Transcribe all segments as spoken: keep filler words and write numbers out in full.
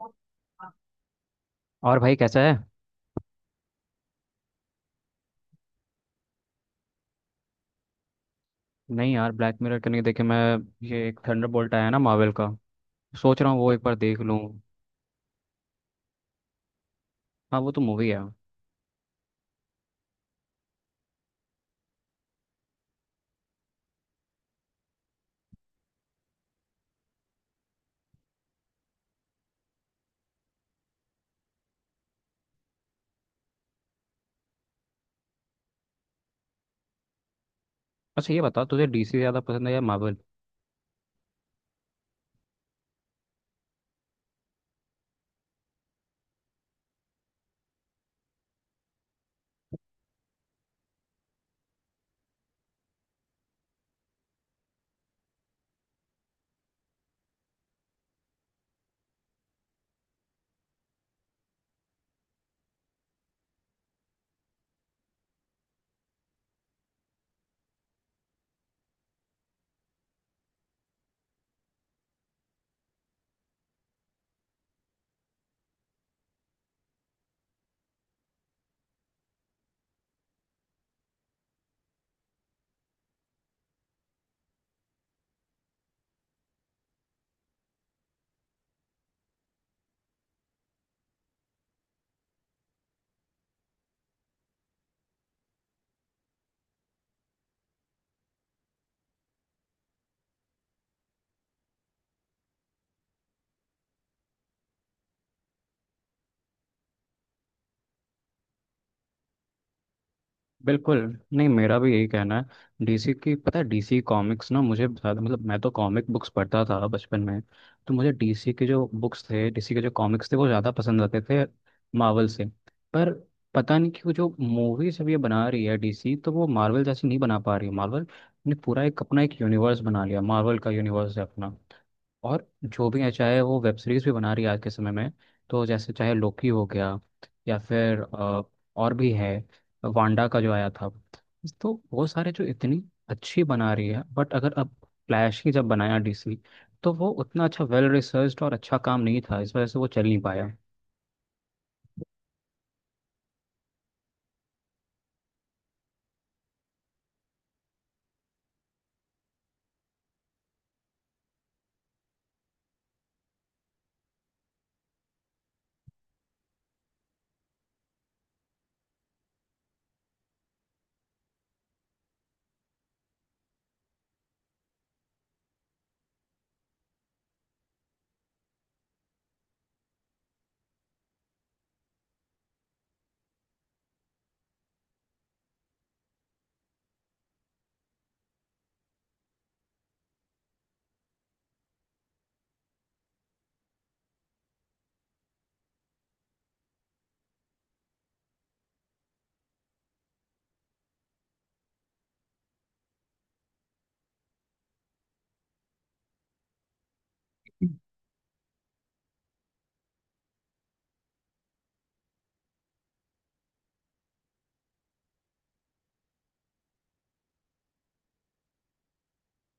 और भाई कैसा है? नहीं यार, ब्लैक मिरर करने के देखे मैं। ये एक थंडरबोल्ट आया ना मार्वल का। सोच रहा हूँ वो एक बार देख लूँ। हाँ, वो तो मूवी है। अच्छा, ये बता तुझे डीसी ज़्यादा पसंद है या मार्वल? बिल्कुल। नहीं, मेरा भी यही कहना है। डीसी की पता है, डीसी कॉमिक्स ना मुझे ज़्यादा, मतलब मैं तो कॉमिक बुक्स पढ़ता था बचपन में। तो मुझे डीसी के जो बुक्स थे, डीसी के जो कॉमिक्स थे, वो ज़्यादा पसंद आते थे मार्वल से। पर पता नहीं क्यों जो मूवीज अब ये बना रही है डीसी तो वो मार्वल जैसी नहीं बना पा रही है। मार्वल ने पूरा एक अपना एक यूनिवर्स बना लिया। मार्वल का यूनिवर्स है अपना। और जो भी है, चाहे वो वेब सीरीज भी बना रही है आज के समय में। तो जैसे चाहे लोकी हो गया या फिर अ, और भी है, वांडा का जो आया था। तो वो सारे जो इतनी अच्छी बना रही है। बट अगर अब फ्लैश ही जब बनाया डीसी तो वो उतना अच्छा वेल रिसर्च्ड और अच्छा काम नहीं था, इस वजह से वो चल नहीं पाया।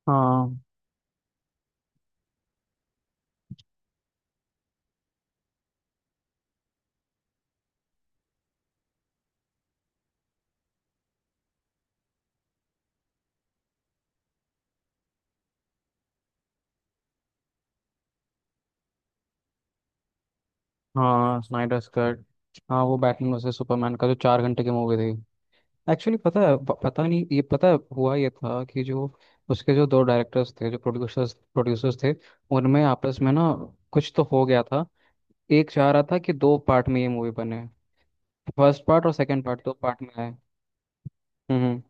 हाँ। हाँ, स्नाइडर कट। हाँ, वो बैटमैन वर्सेस सुपरमैन का जो चार घंटे की मूवी थी। एक्चुअली पता है, प- पता नहीं ये, पता है हुआ ये था कि जो उसके जो दो डायरेक्टर्स थे, जो प्रोड्यूसर्स प्रोड्यूसर्स थे, उनमें आपस में ना कुछ तो हो गया था। एक चाह रहा था कि दो पार्ट में ये मूवी बने, फर्स्ट पार्ट और सेकंड पार्ट, दो पार्ट में आए। हम्म।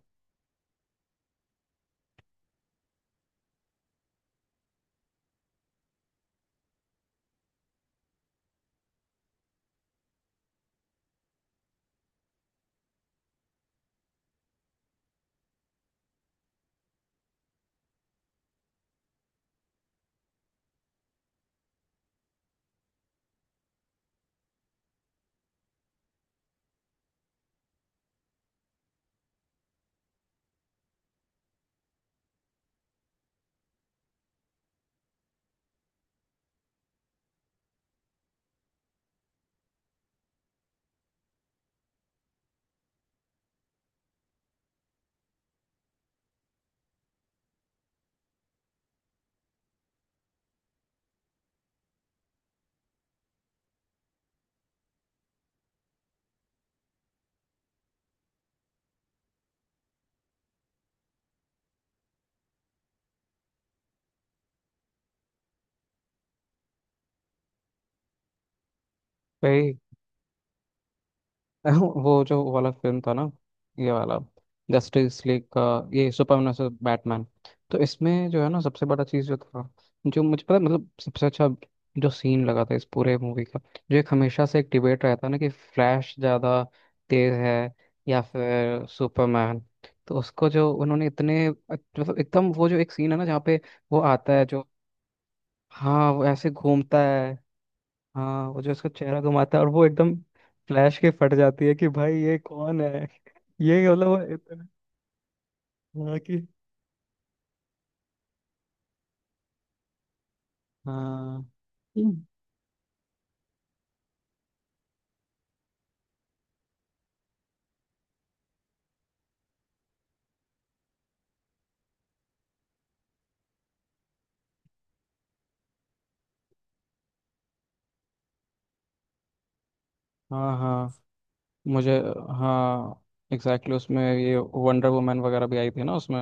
वही। वो जो वाला फिल्म था ना, ये वाला, जस्टिस लीग का, ये सुपरमैन वर्सेस बैटमैन। तो इसमें जो है ना, सबसे बड़ा चीज़ जो था, जो मुझे पता है, मतलब सबसे अच्छा जो सीन लगा था इस पूरे मूवी का। जो एक हमेशा से एक डिबेट रहता है ना कि फ्लैश ज़्यादा तेज है या फिर सुपरमैन। तो उसको जो उन्होंने इतने अच्छ- मतलब एकदम वो जो एक सीन है ना जहाँ पे वो आता है जो। हाँ, वो ऐसे घूमता है। हाँ, वो जो उसका चेहरा घुमाता है और वो एकदम, फ्लैश के फट जाती है कि भाई, ये कौन है! ये मतलब वो इतना। हाँ कि हाँ। हम्म। हाँ हाँ। मुझे हाँ एग्जैक्टली, exactly उसमें ये वंडर वुमन वगैरह भी आई थी ना उसमें।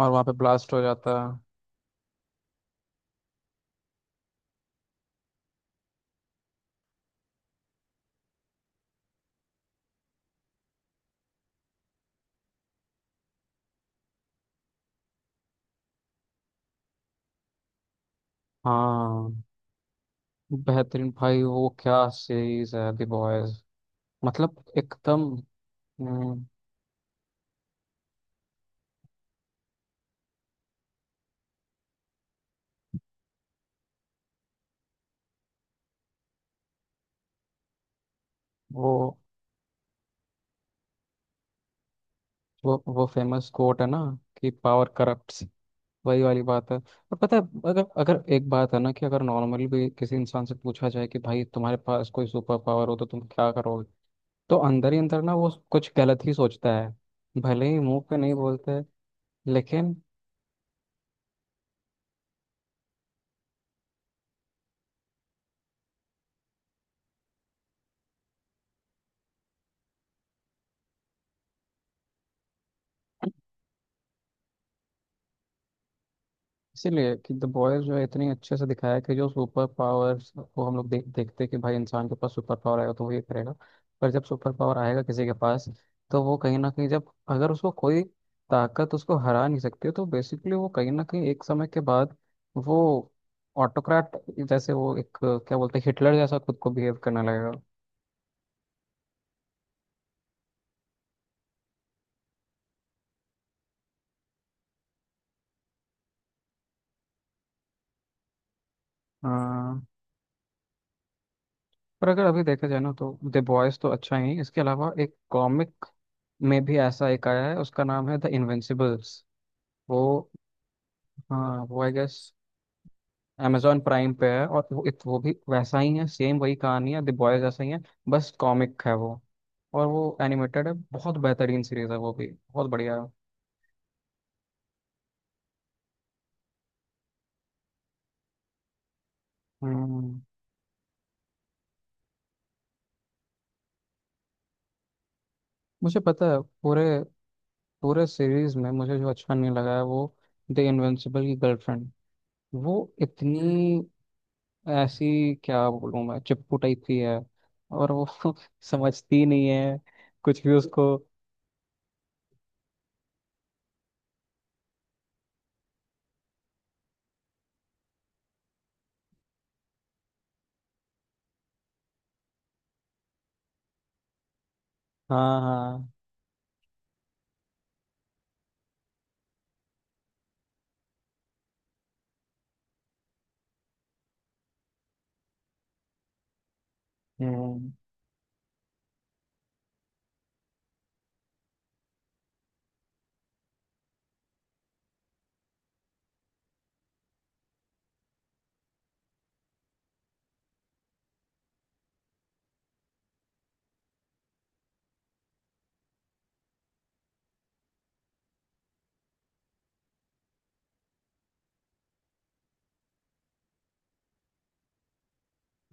और वहाँ पे ब्लास्ट हो जाता है। हाँ, बेहतरीन भाई! वो क्या सीरीज है दी बॉयज! मतलब एकदम। हम्म, वो वो वो फेमस कोट है ना कि पावर करप्ट। वही वाली बात है। और पता है, अगर अगर एक बात है ना कि अगर नॉर्मली भी किसी इंसान से पूछा जाए कि भाई, तुम्हारे पास कोई सुपर पावर हो तो तुम क्या करोगे। तो अंदर ही अंदर ना वो कुछ गलत ही सोचता है। भले ही मुंह पे नहीं बोलते लेकिन। इसीलिए कि द बॉयज जो है, इतनी अच्छे से दिखाया है कि जो सुपर पावर्स को हम लोग देख देखते हैं कि भाई, इंसान के पास सुपर पावर आएगा तो वो ये करेगा। पर जब सुपर पावर आएगा किसी के पास, तो वो कहीं ना कहीं, जब अगर उसको कोई ताकत उसको हरा नहीं सकती है, तो बेसिकली वो कहीं ना कहीं एक समय के बाद वो ऑटोक्रेट, जैसे वो एक क्या बोलते हैं, हिटलर जैसा खुद को बिहेव करने लगेगा। हाँ, पर अगर अभी देखा जाए ना तो द बॉयज तो अच्छा ही है। इसके अलावा एक कॉमिक में भी ऐसा एक आया है, उसका नाम है द इनविंसिबल्स। वो हाँ, वो आई गेस amazon प्राइम पे है। और वो इत, वो भी वैसा ही है, सेम वही कहानी है, द बॉयज जैसा ही है। बस कॉमिक है वो, और वो एनिमेटेड है। बहुत बेहतरीन सीरीज है, वो भी बहुत बढ़िया है। हम्म। मुझे पता है, पूरे पूरे सीरीज में मुझे जो अच्छा नहीं लगा है वो द इनविंसिबल की गर्लफ्रेंड। वो इतनी, ऐसी क्या बोलूँ मैं, चिपकू टाइप की है। और वो समझती नहीं है कुछ भी उसको। हाँ हाँ। हम्म।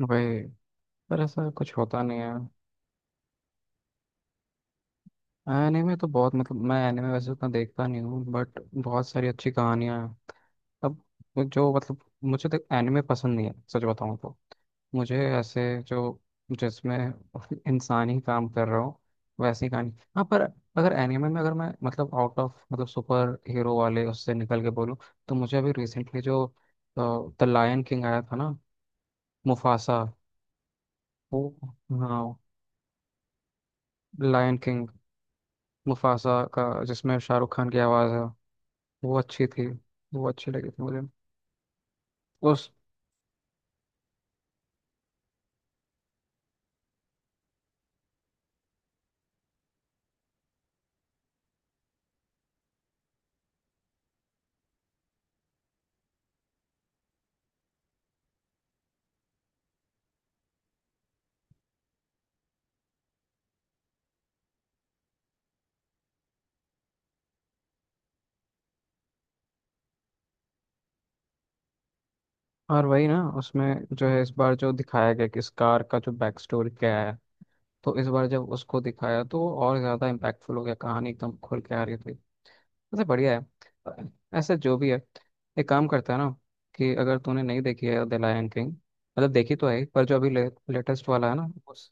वही, पर ऐसा कुछ होता नहीं है। एनीमे तो बहुत, मतलब मैं एनीमे वैसे उतना देखता नहीं हूँ, बट बहुत सारी अच्छी कहानियाँ हैं। अब जो, मतलब मुझे तो एनीमे पसंद नहीं है, सच बताऊँ तो। मुझे ऐसे जो जिसमें इंसान ही काम कर रहा हो, वैसी कहानी। हाँ, पर अगर एनीमे में, अगर मैं, मतलब आउट ऑफ, मतलब सुपर हीरो वाले उससे निकल के बोलूँ, तो मुझे अभी रिसेंटली जो द लायन किंग आया था ना, मुफासा। वो हाँ, लायन किंग, मुफासा का, जिसमें शाहरुख खान की आवाज़ है। वो अच्छी थी, वो अच्छी लगी थी मुझे। उस और वही ना, उसमें जो है इस बार जो दिखाया गया कि इस कार का जो बैक स्टोरी क्या है। तो इस बार जब उसको दिखाया तो वो और ज़्यादा इम्पैक्टफुल हो गया, कहानी एकदम खुल के आ रही थी। वैसे बढ़िया है। ऐसे जो भी है, एक काम करता है ना कि अगर तूने नहीं देखी है द लायन किंग, मतलब देखी तो है, पर जो अभी ले, लेटेस्ट वाला है ना उस।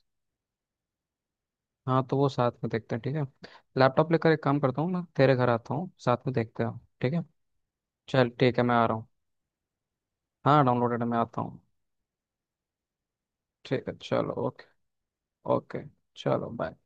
हाँ, तो वो साथ में देखते हैं, ठीक है। लैपटॉप लेकर एक काम करता हूँ, मैं तेरे घर आता हूँ, साथ में देखते हैं ठीक है। चल ठीक है, मैं आ रहा हूँ। हाँ, डाउनलोडेड है, मैं आता हूँ। ठीक है, चलो ओके। ओके, चलो, बाय।